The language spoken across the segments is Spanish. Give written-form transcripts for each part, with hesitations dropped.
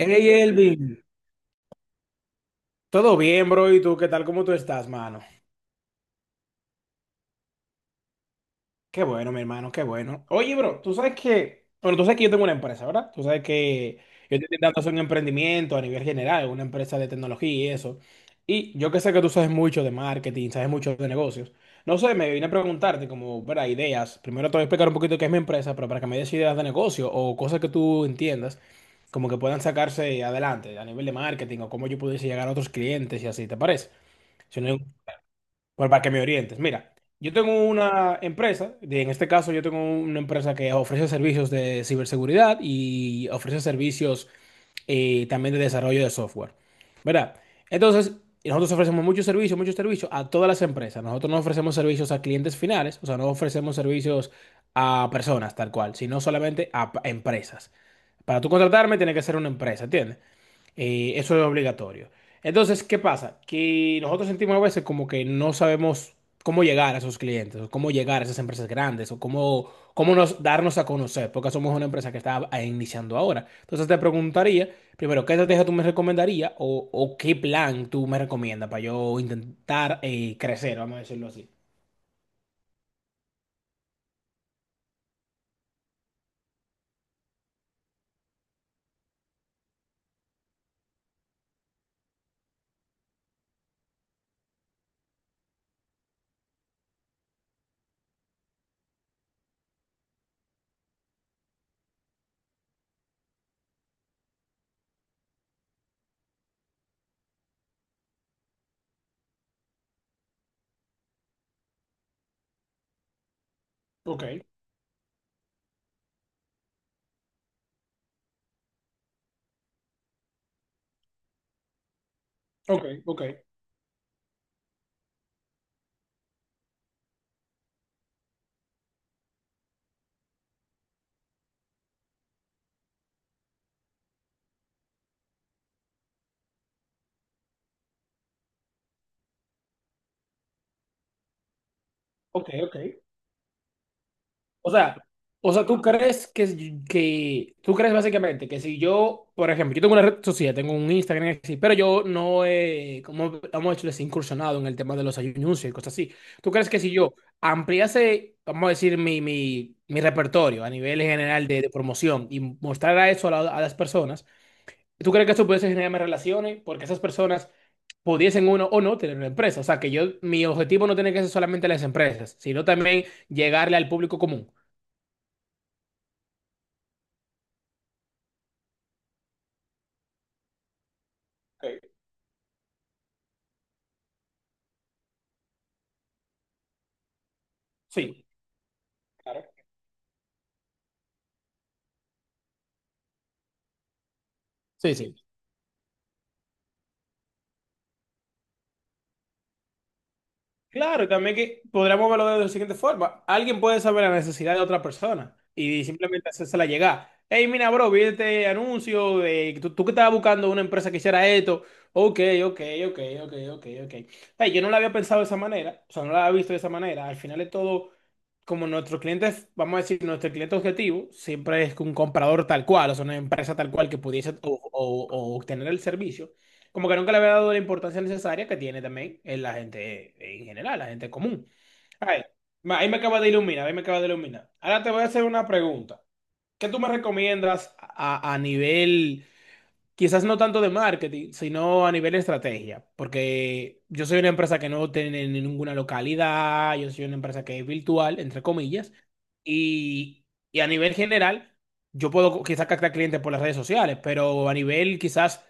Hey Elvin, ¿todo bien, bro? ¿Y tú qué tal? ¿Cómo tú estás, mano? Qué bueno, mi hermano, qué bueno. Oye, bro, tú sabes que, bueno, tú sabes que yo tengo una empresa, ¿verdad? Tú sabes que yo estoy intentando hacer un emprendimiento a nivel general, una empresa de tecnología y eso. Y yo que sé que tú sabes mucho de marketing, sabes mucho de negocios. No sé, me vine a preguntarte como, ¿verdad? Ideas. Primero te voy a explicar un poquito qué es mi empresa, pero para que me des ideas de negocio o cosas que tú entiendas, como que puedan sacarse adelante a nivel de marketing o cómo yo pudiese llegar a otros clientes y así, ¿te parece? Si no, pues para que me orientes, mira, yo tengo una empresa, en este caso yo tengo una empresa que ofrece servicios de ciberseguridad y ofrece servicios también de desarrollo de software, ¿verdad? Entonces, nosotros ofrecemos muchos servicios a todas las empresas. Nosotros no ofrecemos servicios a clientes finales, o sea, no ofrecemos servicios a personas tal cual, sino solamente a empresas. Para tú contratarme tiene que ser una empresa, ¿entiendes? Eso es obligatorio. Entonces, ¿qué pasa? Que nosotros sentimos a veces como que no sabemos cómo llegar a esos clientes, o cómo llegar a esas empresas grandes, o cómo, cómo nos, darnos a conocer, porque somos una empresa que está iniciando ahora. Entonces, te preguntaría, primero, ¿qué estrategia tú me recomendarías o qué plan tú me recomiendas para yo intentar crecer, vamos a decirlo así? Ok, ok, ok, ok, ok. O sea, o sea, tú crees que, que tú crees básicamente que si yo, por ejemplo, yo tengo una red social, tengo un Instagram, así, pero yo no he, como hemos hecho, les incursionado en el tema de los anuncios y cosas así. ¿Tú crees que si yo ampliase, vamos a decir, mi repertorio a nivel general de promoción y mostrara eso a, a las personas, ¿tú crees que eso pudiese generarme relaciones? Porque esas personas pudiesen uno o no tener una empresa. O sea, que yo, mi objetivo no tiene que ser solamente las empresas, sino también llegarle al público común. Sí, claro. Sí, sí. Claro, y también que podríamos verlo de la siguiente forma. Alguien puede saber la necesidad de otra persona y simplemente hacérsela llegar. Hey, mira, bro, vi este anuncio de tú que estabas buscando una empresa que hiciera esto. Ok, ok, ok, ok, ok, ok. Hey, yo no la había pensado de esa manera, o sea, no la había visto de esa manera. Al final es todo, como nuestros clientes, vamos a decir, nuestro cliente objetivo siempre es un comprador tal cual, o sea, una empresa tal cual que pudiese o obtener el servicio. Como que nunca le había dado la importancia necesaria que tiene también en la gente en general, la gente común. Ay, ahí me acaba de iluminar, ahí me acaba de iluminar. Ahora te voy a hacer una pregunta. ¿Qué tú me recomiendas a nivel? Quizás no tanto de marketing, sino a nivel de estrategia, porque yo soy una empresa que no tiene ninguna localidad, yo soy una empresa que es virtual, entre comillas, y, y a nivel general, yo puedo quizás captar clientes por las redes sociales, pero a nivel quizás,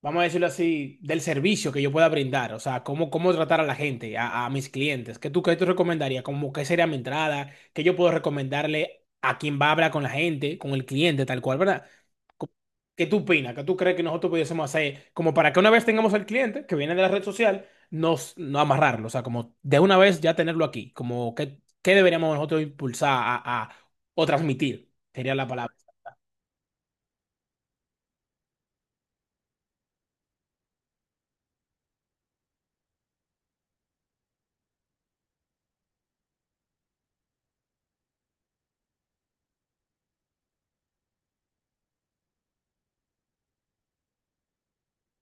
vamos a decirlo así, del servicio que yo pueda brindar, o sea, cómo, cómo tratar a la gente, a mis clientes, qué tú recomendarías? ¿Cómo, qué sería mi entrada? ¿Qué yo puedo recomendarle a quien va a hablar con la gente, con el cliente, tal cual, ¿verdad? ¿Qué tú opinas? ¿Qué tú crees que nosotros pudiésemos hacer? Como para que una vez tengamos al cliente que viene de la red social, nos, no amarrarlo. O sea, como de una vez ya tenerlo aquí. Como que, ¿qué deberíamos nosotros impulsar o transmitir? Sería la palabra.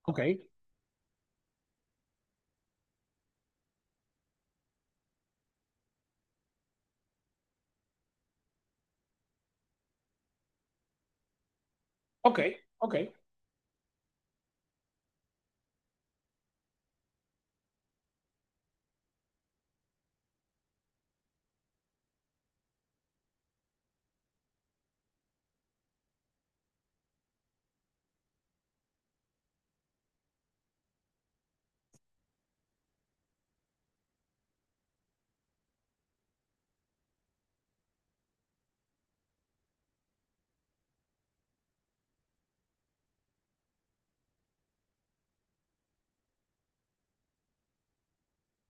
Ok, ok, ok,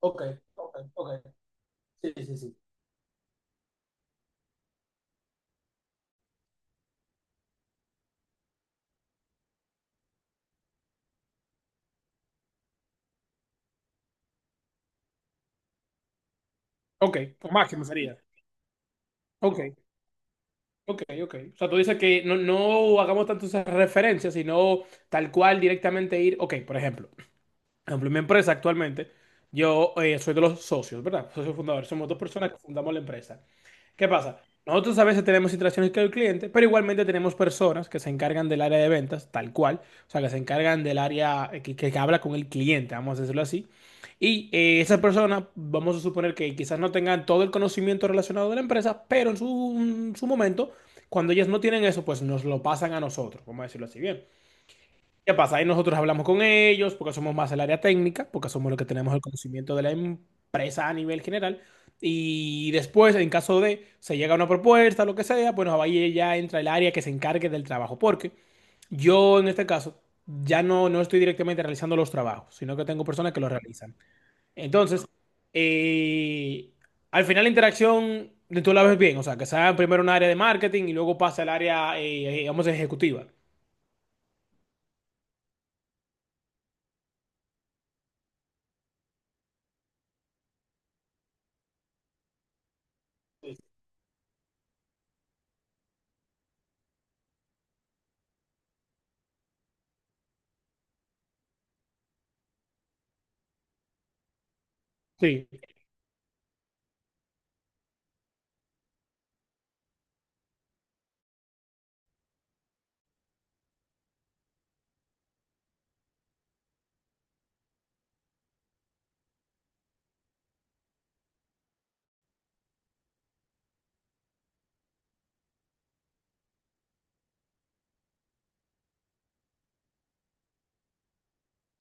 ok, ok, ok. Sí, sí, sí. Ok, máximo sería. Ok, ok, ok. O sea, tú dices que no, no hagamos tantas referencias, sino tal cual directamente ir. Ok, por ejemplo. Por ejemplo, en mi empresa actualmente, yo soy de los socios, ¿verdad? Socios fundadores, somos dos personas que fundamos la empresa. ¿Qué pasa? Nosotros a veces tenemos interacciones con el cliente, pero igualmente tenemos personas que se encargan del área de ventas, tal cual, o sea, que se encargan del área que habla con el cliente, vamos a decirlo así. Y esas personas, vamos a suponer que quizás no tengan todo el conocimiento relacionado de la empresa, pero en su momento, cuando ellas no tienen eso, pues nos lo pasan a nosotros, vamos a decirlo así bien. ¿Qué pasa? Ahí nosotros hablamos con ellos porque somos más el área técnica, porque somos los que tenemos el conocimiento de la empresa a nivel general. Y después, en caso de se llega a una propuesta, lo que sea, bueno, ahí ya entra el área que se encargue del trabajo. Porque yo, en este caso, ya no estoy directamente realizando los trabajos, sino que tengo personas que los realizan. Entonces, eh, al final la interacción, tú la ves bien, o sea, que sea primero un área de marketing y luego pasa al área, vamos, ejecutiva. Sí,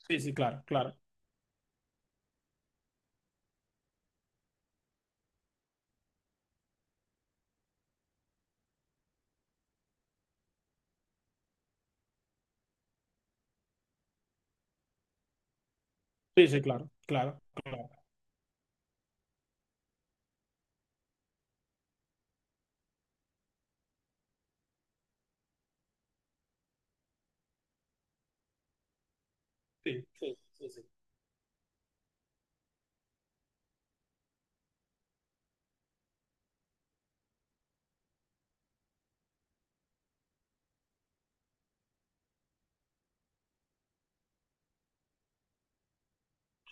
sí, sí, claro, claro. Sí, sí, claro, claro, claro. Sí, sí, sí, sí.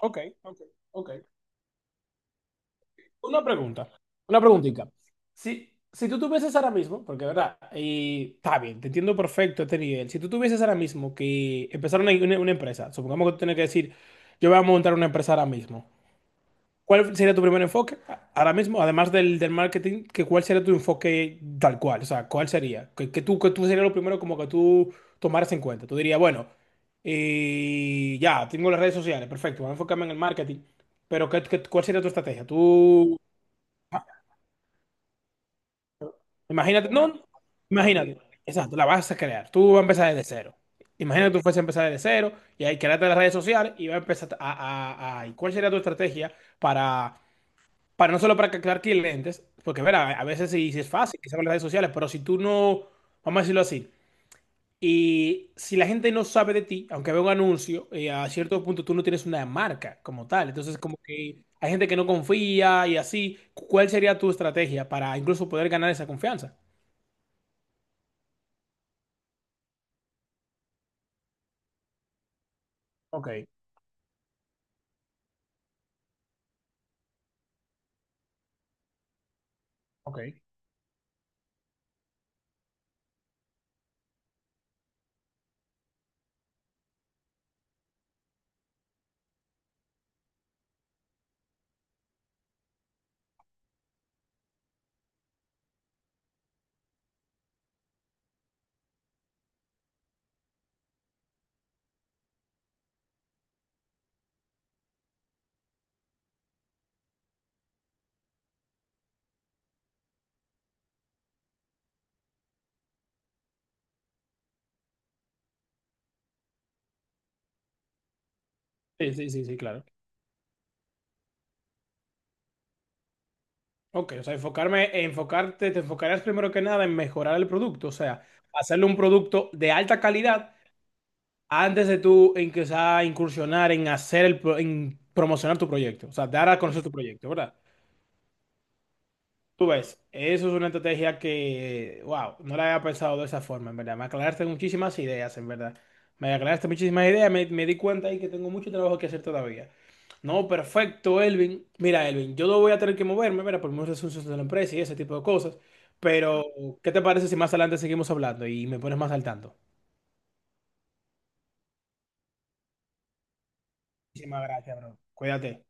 Ok, ok, ok. Una pregunta, una preguntita. Si tú tuvieses ahora mismo, porque verdad, y está bien, te entiendo perfecto este nivel. Si tú tuvieses ahora mismo que empezar una empresa, supongamos que tú tienes que decir, yo voy a montar una empresa ahora mismo. ¿Cuál sería tu primer enfoque ahora mismo? Además del marketing, que ¿cuál sería tu enfoque tal cual? O sea, ¿cuál sería? Que tú sería lo primero como que tú tomaras en cuenta. Tú dirías, bueno, ya, tengo las redes sociales, perfecto, voy a enfocarme en el marketing. Pero ¿qué, cuál sería tu estrategia? Tú, ah, imagínate, no, imagínate, exacto, la vas a crear. Tú vas a empezar desde cero. Imagínate que tú fueses a empezar desde cero y ahí creaste las redes sociales y vas a empezar a... ¿y ¿cuál sería tu estrategia para... para no solo para captar clientes, porque verá, a veces sí, sí es fácil, quizás con las redes sociales, pero si tú no, vamos a decirlo así, y si la gente no sabe de ti, aunque vea un anuncio, a cierto punto tú no tienes una marca como tal, entonces como que hay gente que no confía y así, ¿cuál sería tu estrategia para incluso poder ganar esa confianza? Ok, ok. Sí, sí, sí, sí, claro. Ok, o sea, enfocarte, te enfocarás primero que nada en mejorar el producto, o sea, hacerle un producto de alta calidad antes de tú empezar a incursionar en hacer el, en promocionar tu proyecto, o sea, dar a conocer tu proyecto, ¿verdad? Tú ves, eso es una estrategia que, wow, no la había pensado de esa forma, en verdad. Me aclaraste muchísimas ideas, en verdad. Me aclaraste muchísimas ideas, me di cuenta ahí que tengo mucho trabajo que hacer todavía. No, perfecto, Elvin. Mira, Elvin, yo no voy a tener que moverme, mira, por muchos asuntos de la empresa y ese tipo de cosas. Pero, ¿qué te parece si más adelante seguimos hablando y me pones más al tanto? Muchísimas gracias, bro. Cuídate.